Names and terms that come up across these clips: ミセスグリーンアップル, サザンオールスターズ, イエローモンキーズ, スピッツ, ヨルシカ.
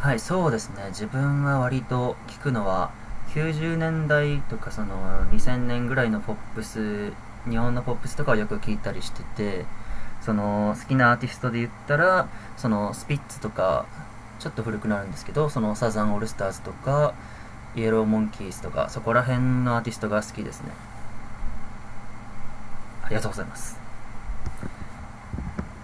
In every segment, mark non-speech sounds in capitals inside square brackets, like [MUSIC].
はい、そうですね。自分は割と聞くのは、90年代とかその2000年ぐらいのポップス、日本のポップスとかをよく聞いたりしてて、その好きなアーティストで言ったら、そのスピッツとか、ちょっと古くなるんですけど、そのサザンオールスターズとか、イエローモンキーズとか、そこら辺のアーティストが好きですね。ありがとうございます。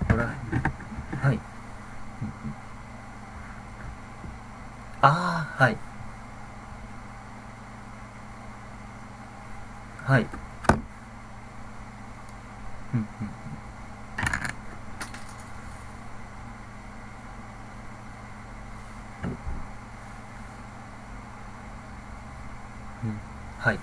ここら辺、はい。ああ、はい。はい。うん、うん、うん。はい。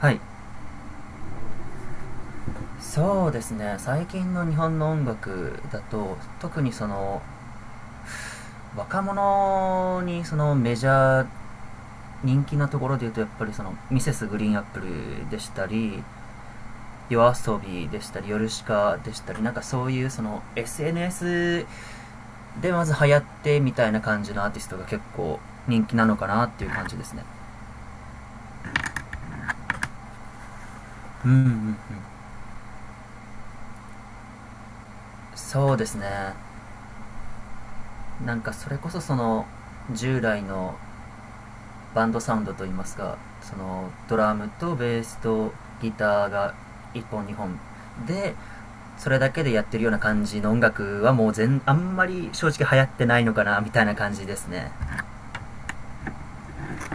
はい。そうですね、最近の日本の音楽だと、特にその若者にそのメジャー人気なところで言うと、やっぱりそのミセスグリーンアップルでしたり、夜遊びでしたり、ヨルシカでしたり、なんかそういうその SNS でまず流行ってみたいな感じのアーティストが結構人気なのかなっていう感じですね。うん、うん、うん。そうですね、なんかそれこそその従来のバンドサウンドといいますか、そのドラムとベースとギターが1本2本で、それだけでやってるような感じの音楽はもうあんまり正直流行ってないのかなみたいな感じですね。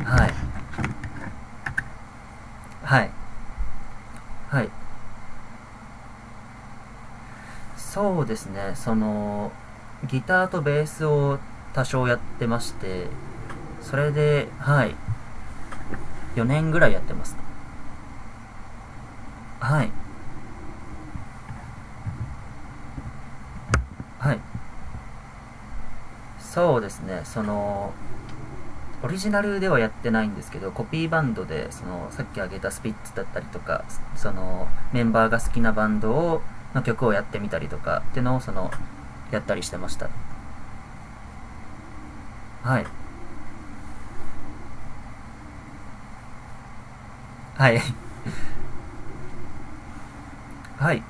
はい、はい、はい。そうですね、そのギターとベースを多少やってまして、それではい、4年ぐらいやってます。はい、はい。そうですね、そのオリジナルではやってないんですけど、コピーバンドでそのさっき挙げたスピッツだったりとか、そのメンバーが好きなバンドをの曲をやってみたりとかってのを、そのやったりしてました。はい、はい。 [LAUGHS] はい、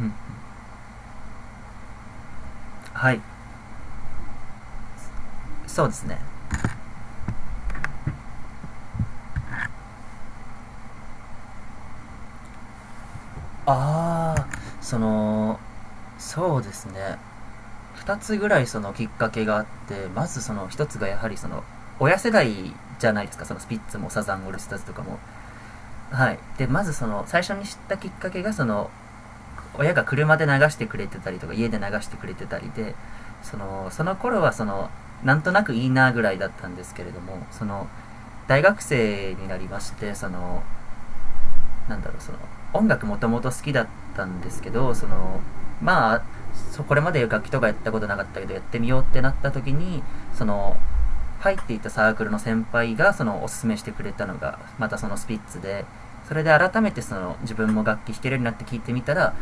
うん、はい。そうですね。ああ、そのそうですね、2つぐらいそのきっかけがあって、まずその1つがやはりその親世代じゃないですか。そのスピッツもサザンオールスターズとかも。はい、でまずその最初に知ったきっかけが、その親が車で流してくれてたりとか家で流してくれてたりで、その頃はそのなんとなくいいなぐらいだったんですけれども、その大学生になりまして、そのなんだろう、その音楽もともと好きだったんですけど、そのまあ、これまで楽器とかやったことなかったけど、やってみようってなった時に、その入っていたサークルの先輩がそのおすすめしてくれたのが、またそのスピッツで、それで改めてその自分も楽器弾けるようになって聴いてみたら、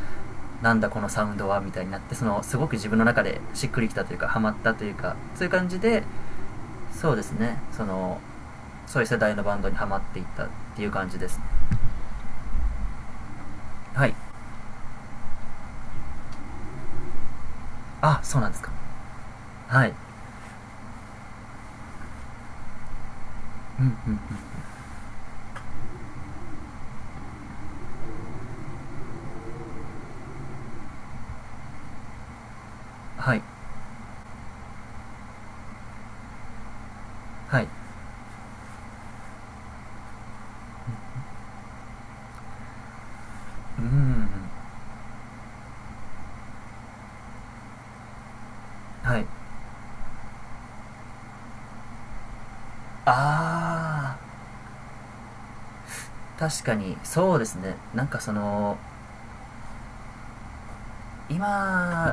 なんだこのサウンドはみたいになって、そのすごく自分の中でしっくりきたというかハマったというか、そういう感じで、そうですね、そのそういう世代のバンドにハマっていったっていう感じです。はい。あ、そうなんですか。はい、うん、うん、うん、はい、はい、うん、うん、はい、あー。確かにそうですね、なんかその今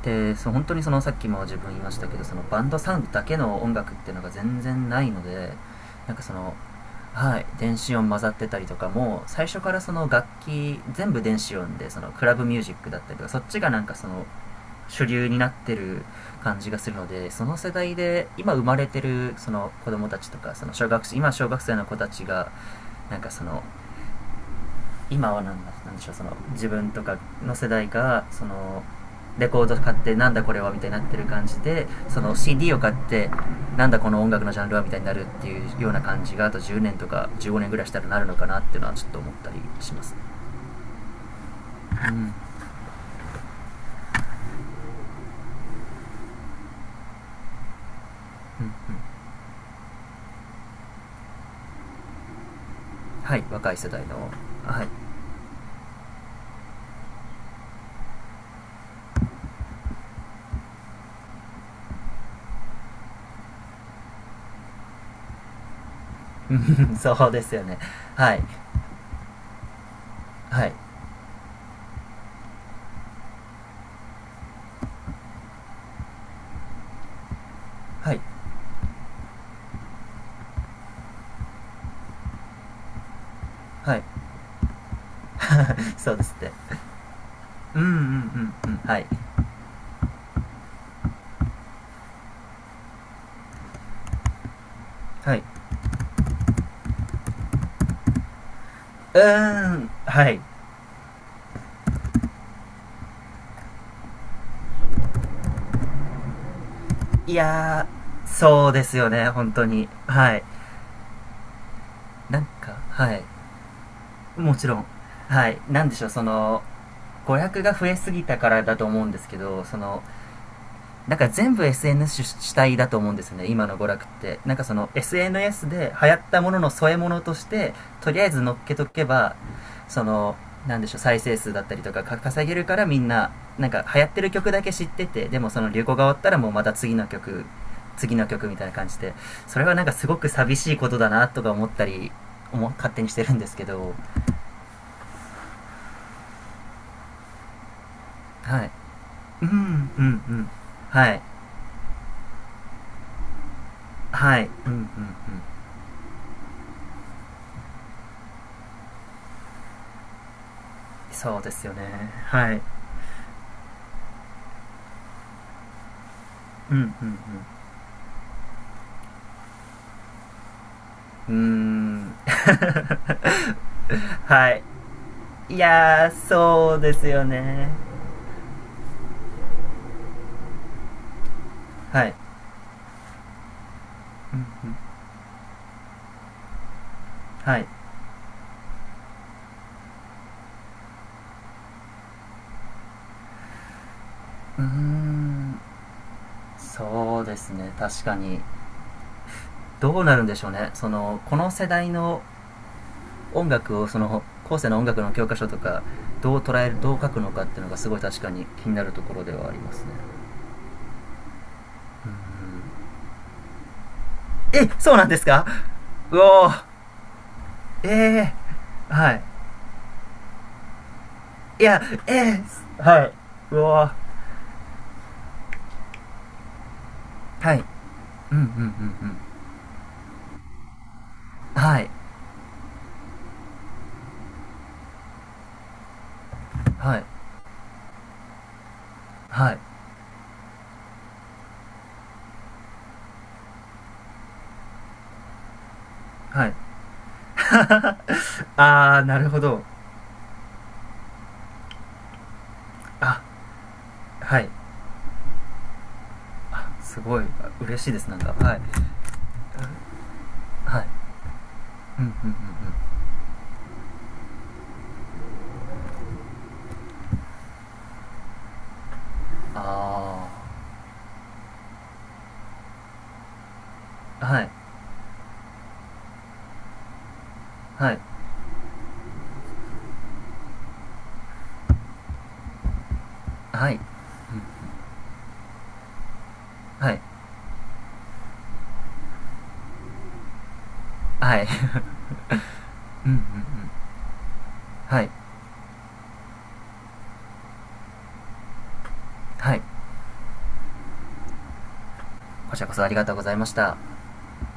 ってそう本当に、そのさっきも自分言いましたけど、そのバンドサウンドだけの音楽っていうのが全然ないので、なんかその、はい、電子音混ざってたりとかも、最初からその楽器全部電子音でそのクラブミュージックだったりとか、そっちがなんかその主流になってる感じがするので、その世代で今生まれてるその子供たちとか、その小学生今小学生の子たちがなんかその今は何なんでしょう、その自分とかの世代がそのレコード買ってなんだこれはみたいになってる感じで、その CD を買ってなんだこの音楽のジャンルはみたいになるっていうような感じが、あと10年とか15年ぐらいしたらなるのかなっていうのは、ちょっと思ったりします。うん、うん、うん。はい、若い世代の、はい。 [LAUGHS] そうですよね。はい、はい、はい、はい、そうですって、うん、うん、うん、うん、はい、はい。うーん、はい。いやー、そうですよね、本当に。はい。なんか、はい。もちろん。はい。なんでしょう、その、娯楽が増えすぎたからだと思うんですけど、その、だから全部 SNS 主体だと思うんですよね、今の娯楽って。なんかその SNS で流行ったものの添え物として、とりあえず乗っけとけば、その、なんでしょう、再生数だったりとかか稼げるから、みんな、なんか流行ってる曲だけ知ってて、でもその流行が終わったらもうまた次の曲、次の曲みたいな感じで、それはなんかすごく寂しいことだなとか思ったり、勝手にしてるんですけど。はい。うん、うん、うん。はい。はい。うん、うん、うん。そうですよね。はい。うん、うん、うん、うーん。 [LAUGHS] はい、いやー、そうですよね。はい、うん、うん、はい、うーん、そうですね、確かに。どうなるんでしょうね、そのこの世代の音楽をその後世の音楽の教科書とかどう捉える、どう書くのかっていうのがすごい確かに気になるところではありますね。うん、うん。え、そうなんですか。うおー、えー、はい、いや、ええ、はい。うわ、はい。うん、うん、うん、うん。はい。はい。はい。はい [LAUGHS]。あー、なるほど。あ、はい。すごい、嬉しいです、なんか。はい。はい。うん、うん、うん、うん。あー。はい。はい。はい。はい。はい [LAUGHS]。うん、うん、うん。はい。はい。こちらこそ、ありがとうございました。